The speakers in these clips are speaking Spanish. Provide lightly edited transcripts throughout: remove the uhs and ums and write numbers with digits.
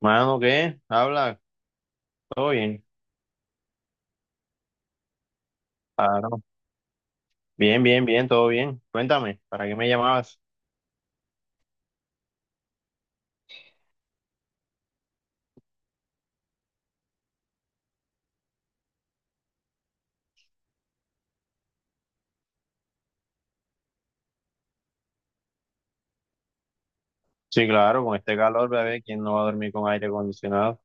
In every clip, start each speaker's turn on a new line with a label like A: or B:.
A: Mano, ¿qué? Habla, todo bien. Claro. Bien, bien, bien, todo bien. Cuéntame, ¿para qué me llamabas? Sí, claro, con este calor, bebé, ¿quién no va a dormir con aire acondicionado?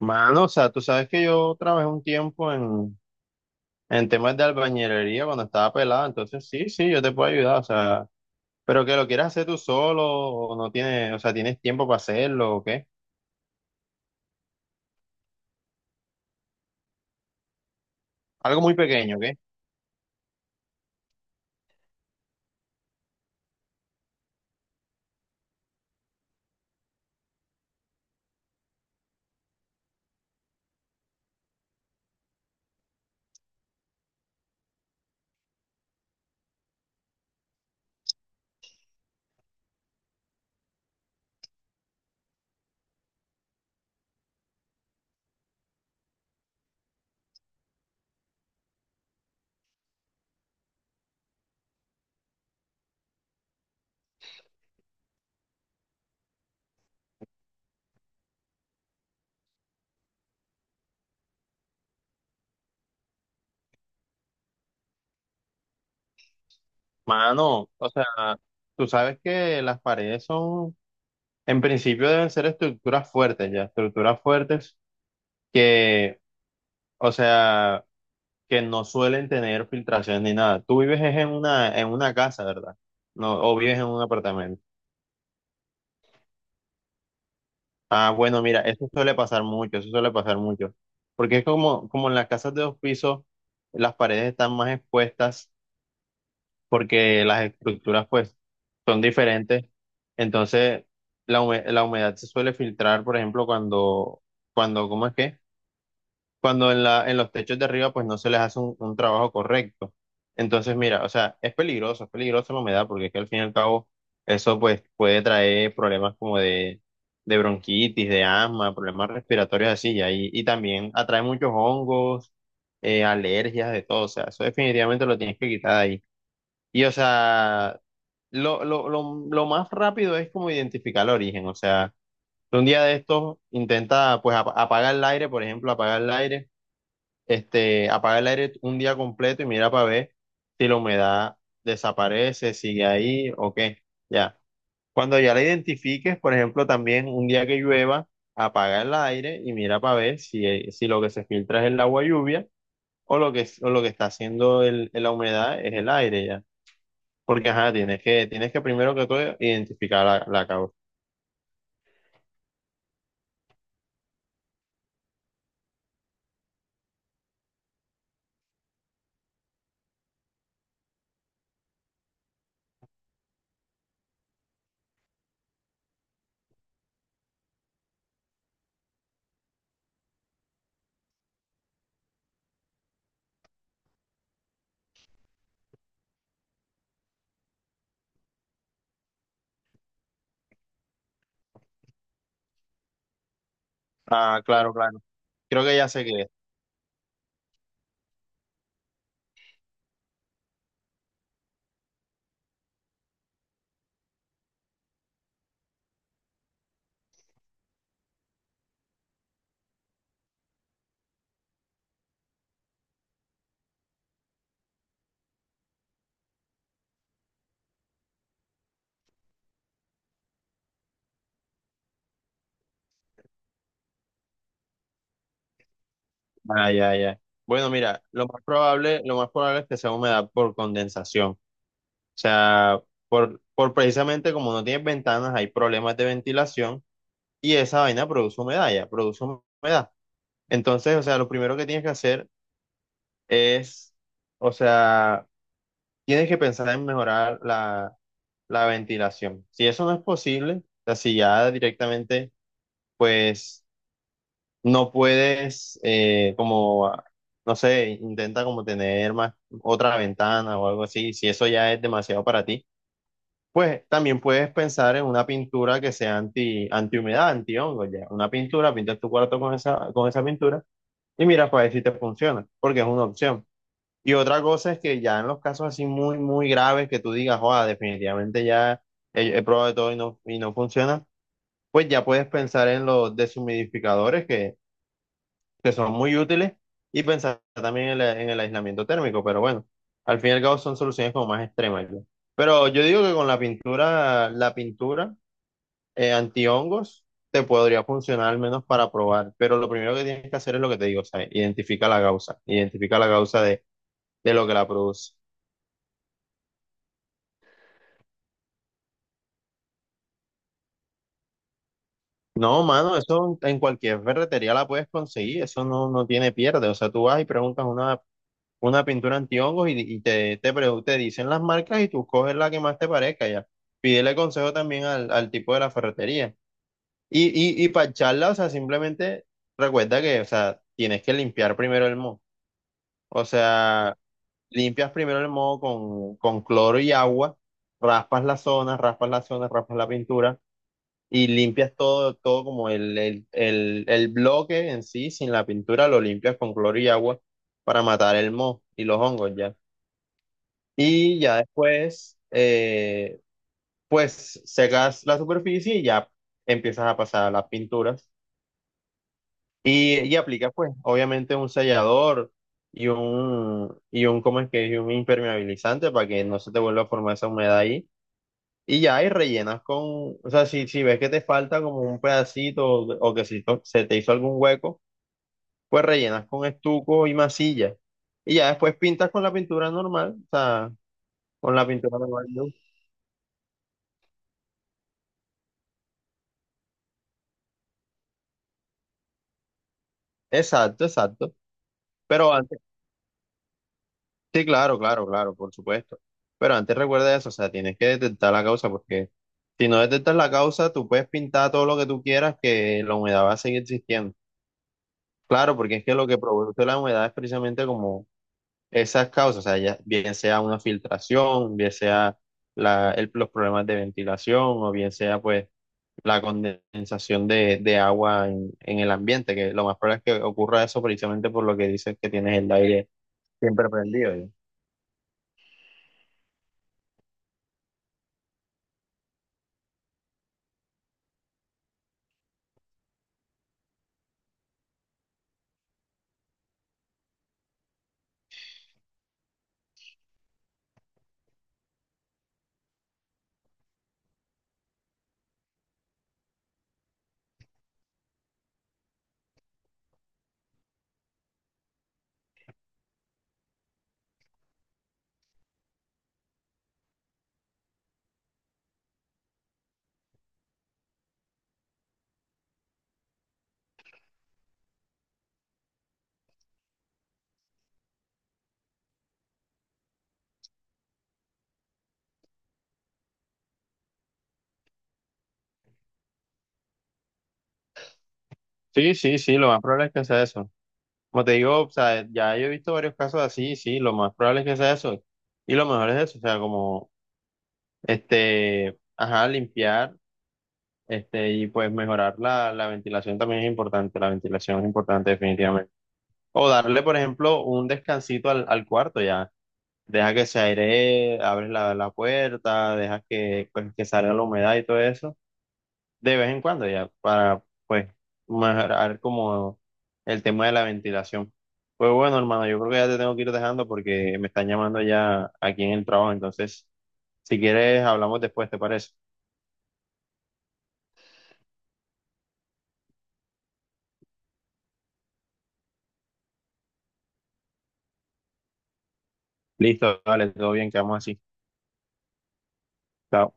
A: Mano, o sea, tú sabes que yo trabajé un tiempo en temas de albañilería cuando estaba pelado, entonces sí, sí, yo te puedo ayudar, o sea, pero que lo quieras hacer tú solo o no tienes, o sea, ¿tienes tiempo para hacerlo o qué? Algo muy pequeño, ¿qué? Mano, o sea, tú sabes que las paredes son, en principio, deben ser estructuras fuertes, ya, estructuras fuertes que, o sea, que no suelen tener filtraciones ni nada. Tú vives es en una casa, ¿verdad? No, o vives en un apartamento. Ah, bueno, mira, eso suele pasar mucho, eso suele pasar mucho. Porque es como, como en las casas de dos pisos, las paredes están más expuestas porque las estructuras, pues, son diferentes. Entonces, la humedad se suele filtrar, por ejemplo, cuando, ¿cómo es que? Cuando en los techos de arriba pues no se les hace un trabajo correcto. Entonces, mira, o sea, es peligroso la humedad, porque es que al fin y al cabo eso pues puede traer problemas como de bronquitis, de asma, problemas respiratorios así, y, y también atrae muchos hongos, alergias, de todo, o sea, eso definitivamente lo tienes que quitar de ahí. Y o sea, lo más rápido es como identificar el origen, o sea, un día de estos intenta pues apagar el aire, por ejemplo, apagar el aire este, apaga el aire un día completo y mira para ver si la humedad desaparece, sigue ahí o qué. Ya. Cuando ya la identifiques, por ejemplo, también un día que llueva, apaga el aire y mira para ver si, si lo que se filtra es el agua lluvia o lo que está haciendo la humedad es el aire ya. Porque, ajá, tienes que primero que todo identificar la causa. Ah, claro, claro. Creo que ya sé qué es. Ah, ya, ya. Bueno, mira, lo más probable es que sea humedad por condensación. O sea, por precisamente como no tienes ventanas, hay problemas de ventilación y esa vaina produce humedad, ya, produce humedad. Entonces, o sea, lo primero que tienes que hacer es, o sea, tienes que pensar en mejorar la ventilación. Si eso no es posible, o sea, si ya directamente, pues, no puedes, como, no sé, intenta como tener más otra ventana o algo así. Si eso ya es demasiado para ti, pues también puedes pensar en una pintura que sea antihumedad, antihongo, ya. Una pintura, pintas tu cuarto con esa pintura y mira para ver si te funciona, porque es una opción. Y otra cosa es que ya en los casos así muy, muy graves que tú digas, joda, definitivamente ya he probado de todo y no funciona, pues ya puedes pensar en los deshumidificadores que son muy útiles, y pensar también en, en el aislamiento térmico, pero bueno, al fin y al cabo son soluciones como más extremas, ya. Pero yo digo que con la pintura antihongos te podría funcionar al menos para probar, pero lo primero que tienes que hacer es lo que te digo, o sea, identifica la causa de lo que la produce. No, mano, eso en cualquier ferretería la puedes conseguir, eso no, no tiene pierde, o sea, tú vas y preguntas una pintura antihongos y te, te dicen las marcas y tú coges la que más te parezca ya. Pídele consejo también al, al tipo de la ferretería. Y, y para charla, o sea, simplemente recuerda que, o sea, tienes que limpiar primero el moho. O sea, limpias primero el moho con cloro y agua, raspas la zona, raspas la zona, raspas la pintura y limpias todo, todo como el bloque en sí, sin la pintura, lo limpias con cloro y agua para matar el moho y los hongos ya. Y ya después, pues secas la superficie y ya empiezas a pasar las pinturas. Y aplicas, pues, obviamente un sellador y un, ¿cómo es que? Es? Y un impermeabilizante para que no se te vuelva a formar esa humedad ahí. Y ya, y rellenas con, o sea, si, si ves que te falta como un pedacito o que si to- se te hizo algún hueco, pues rellenas con estuco y masilla. Y ya después pintas con la pintura normal, o sea, con la pintura normal, ¿no? Exacto, exacto. Pero antes, sí, claro, claro, claro, por supuesto. Pero antes recuerda eso, o sea, tienes que detectar la causa, porque si no detectas la causa, tú puedes pintar todo lo que tú quieras, que la humedad va a seguir existiendo. Claro, porque es que lo que produce la humedad es precisamente como esas causas, o sea, ya, bien sea una filtración, bien sea los problemas de ventilación, o bien sea pues la condensación de agua en el ambiente, que lo más probable es que ocurra eso precisamente por lo que dices que tienes el aire siempre prendido. Sí, sí, sí, lo más probable es que sea eso. Como te digo, o sea, ya yo he visto varios casos así, sí, lo más probable es que sea eso. Y lo mejor es eso, o sea, como, este, ajá, limpiar, este, y pues mejorar la ventilación también es importante, la ventilación es importante definitivamente. O darle, por ejemplo, un descansito al cuarto ya. Deja que se airee, abres la puerta, deja que, pues, que salga la humedad y todo eso de vez en cuando ya para pues mejorar como el tema de la ventilación. Pues bueno, hermano, yo creo que ya te tengo que ir dejando porque me están llamando ya aquí en el trabajo, entonces si quieres hablamos después, ¿te parece? Listo, dale, todo bien, quedamos así. Chao.